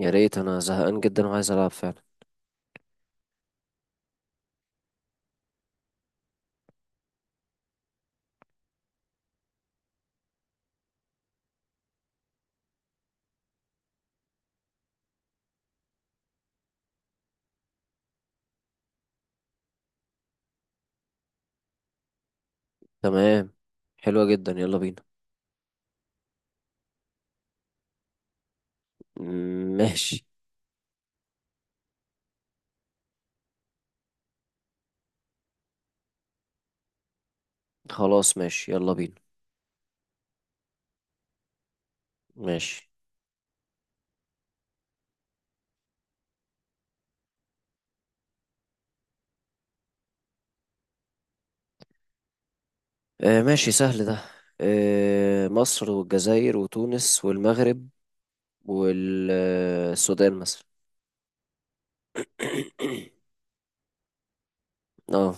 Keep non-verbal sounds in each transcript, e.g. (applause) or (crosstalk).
يا ريت انا زهقان جدا وعايز العب فعلا. تمام. حلوة جدا، يلا بينا. ماشي. خلاص ماشي، يلا بينا. ماشي. آه، ماشي سهل ده. آه، مصر والجزائر وتونس والمغرب والسودان مثلا. اه.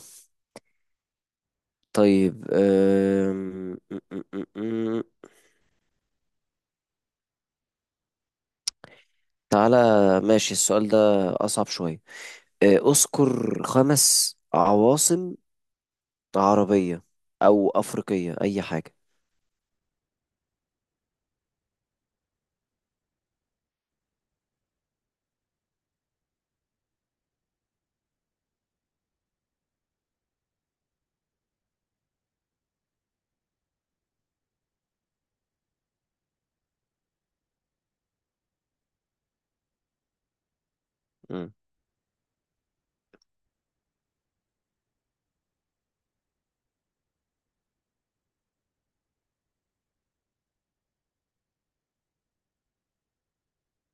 طيب آم، م- م- م- م. تعالى. ماشي السؤال ده أصعب شوية. آه، اذكر خمس عواصم عربية أو أفريقية أي حاجة. مم.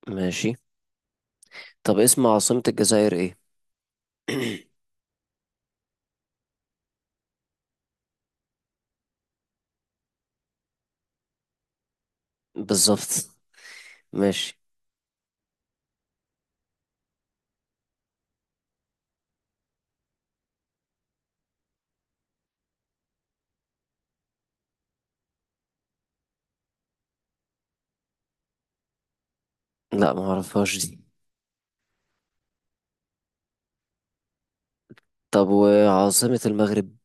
ماشي. طب اسم عاصمة الجزائر ايه؟ (clears throat) بالظبط. ماشي. لا، ما اعرفهاش دي. طب وعاصمة المغرب؟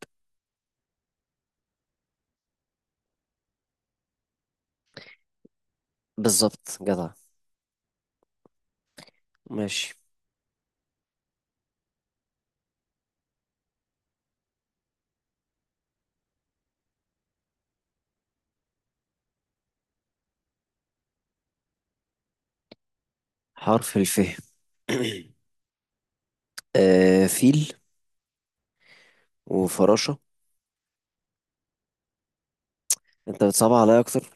بالظبط، جدع. ماشي. حرف الف. (clears throat) آه، فيل. وفراشة. انت بتصعب عليا اكتر.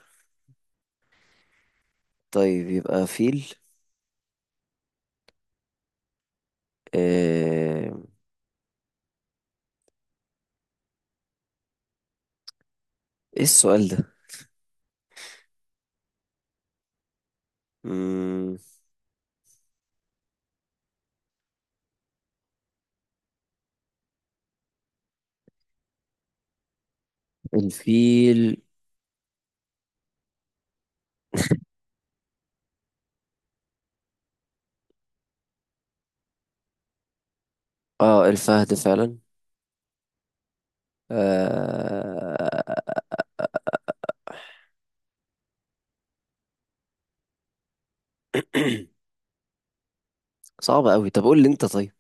طيب يبقى فيل. آه. ايه السؤال ده؟ مم... الفيل. اه، الفهد فعلا. آه... صعب قوي، طب قول لي انت طيب.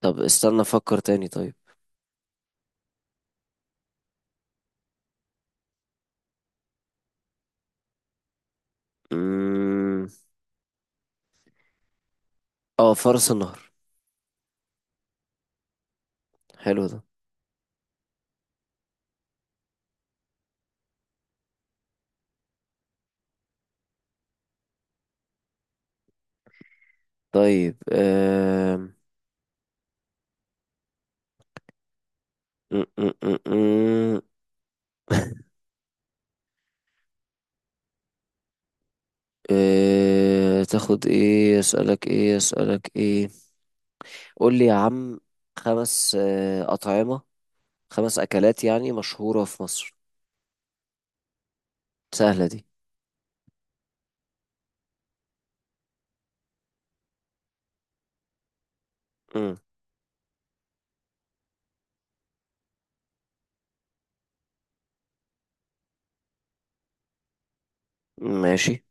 طب استنى افكر تاني، طيب. مم... اه، فرس النهر. حلو ده. طيب آم، م- م- م- م. (laughs) تاخد ايه، اسألك ايه؟ قول لي يا عم. خمس أطعمة، خمس أكلات يعني مشهورة في مصر. سهلة دي. مم. ماشي،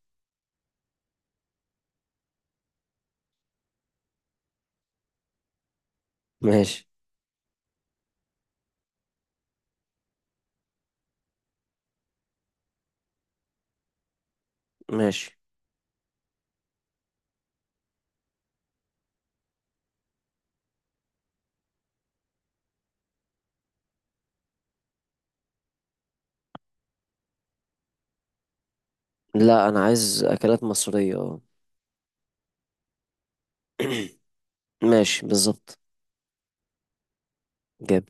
ماشي، ماشي. لا، أنا عايز أكلات مصرية، اه. (clears throat) ماشي بالظبط. جاب.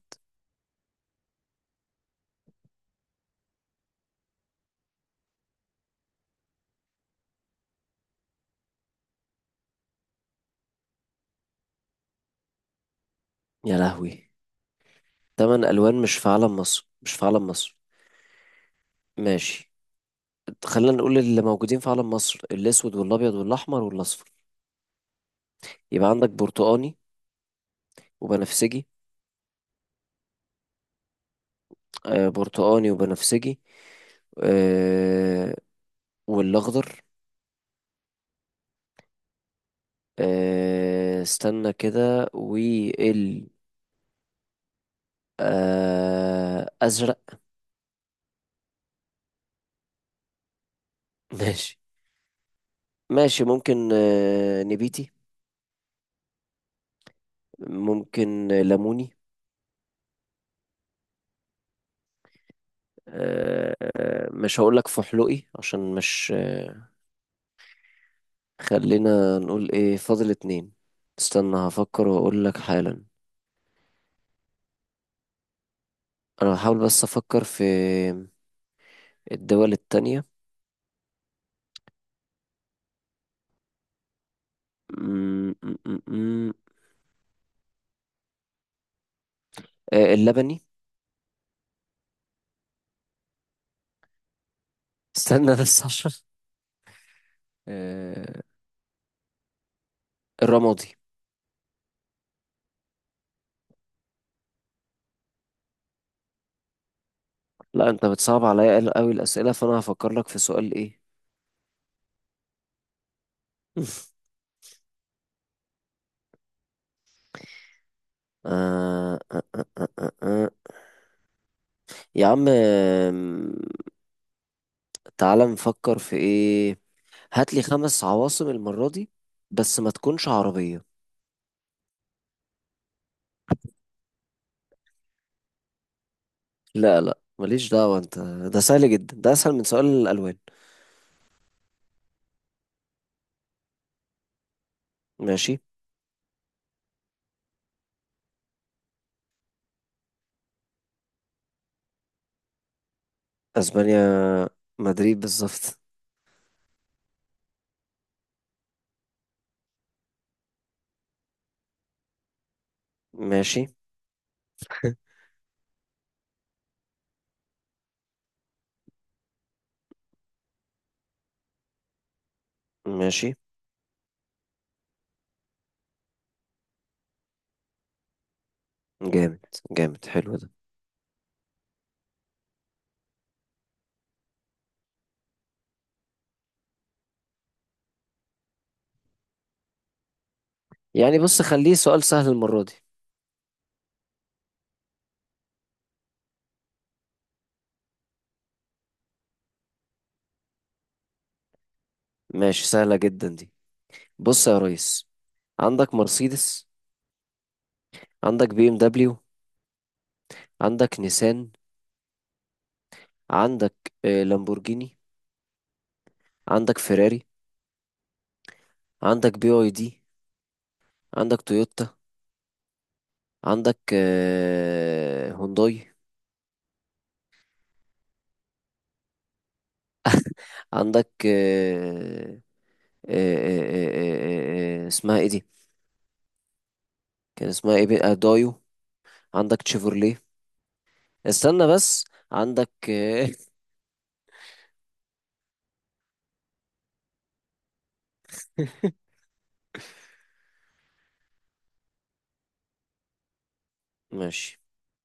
يا لهوي. تمن ألوان مش في علم مصر، مش في علم مصر. ماشي. خلينا نقول اللي موجودين في علم مصر: الأسود والأبيض والأحمر والأصفر. يبقى عندك برتقاني. وبنفسجي. آه، برتقاني وبنفسجي. آه، والأخضر. آه، استنى كده وال آه أزرق. (laughs) ماشي ماشي. ممكن نبيتي. ممكن ليموني. مش هقولك فحلقي عشان مش خلينا نقول ايه فاضل اتنين. استنى هفكر واقولك حالا. انا بحاول بس افكر في الدول التانية. م- م- م- م. اللبني. استنى بس عشان آه، الرمادي. لا، انت بتصعب عليا قوي الاسئله، فانا هفكر لك في سؤال ايه. (laughs) آه، آه، آه، آه، آه، آه. يا عم، تعالى نفكر في ايه. هات لي خمس عواصم المره دي، بس ما تكونش عربيه. لا لا، ماليش دعوه انت. ده سهل جدا، ده اسهل من سؤال الالوان. ماشي. اسبانيا مدريد بالظبط. ماشي. ماشي، جامد جامد، حلو ده. يعني بص، خليه سؤال سهل المرة دي. ماشي، سهلة جدا دي. بص يا ريس، عندك مرسيدس. عندك بي ام دبليو. عندك نيسان. عندك لامبورجيني. عندك فيراري. عندك بي اي دي. عندك تويوتا. عندك هونداي. عندك اسمها ايه دي؟ كان اسمها ايه، دايو. عندك تشيفرليه. استنى بس. عندك (laughs) ماشي.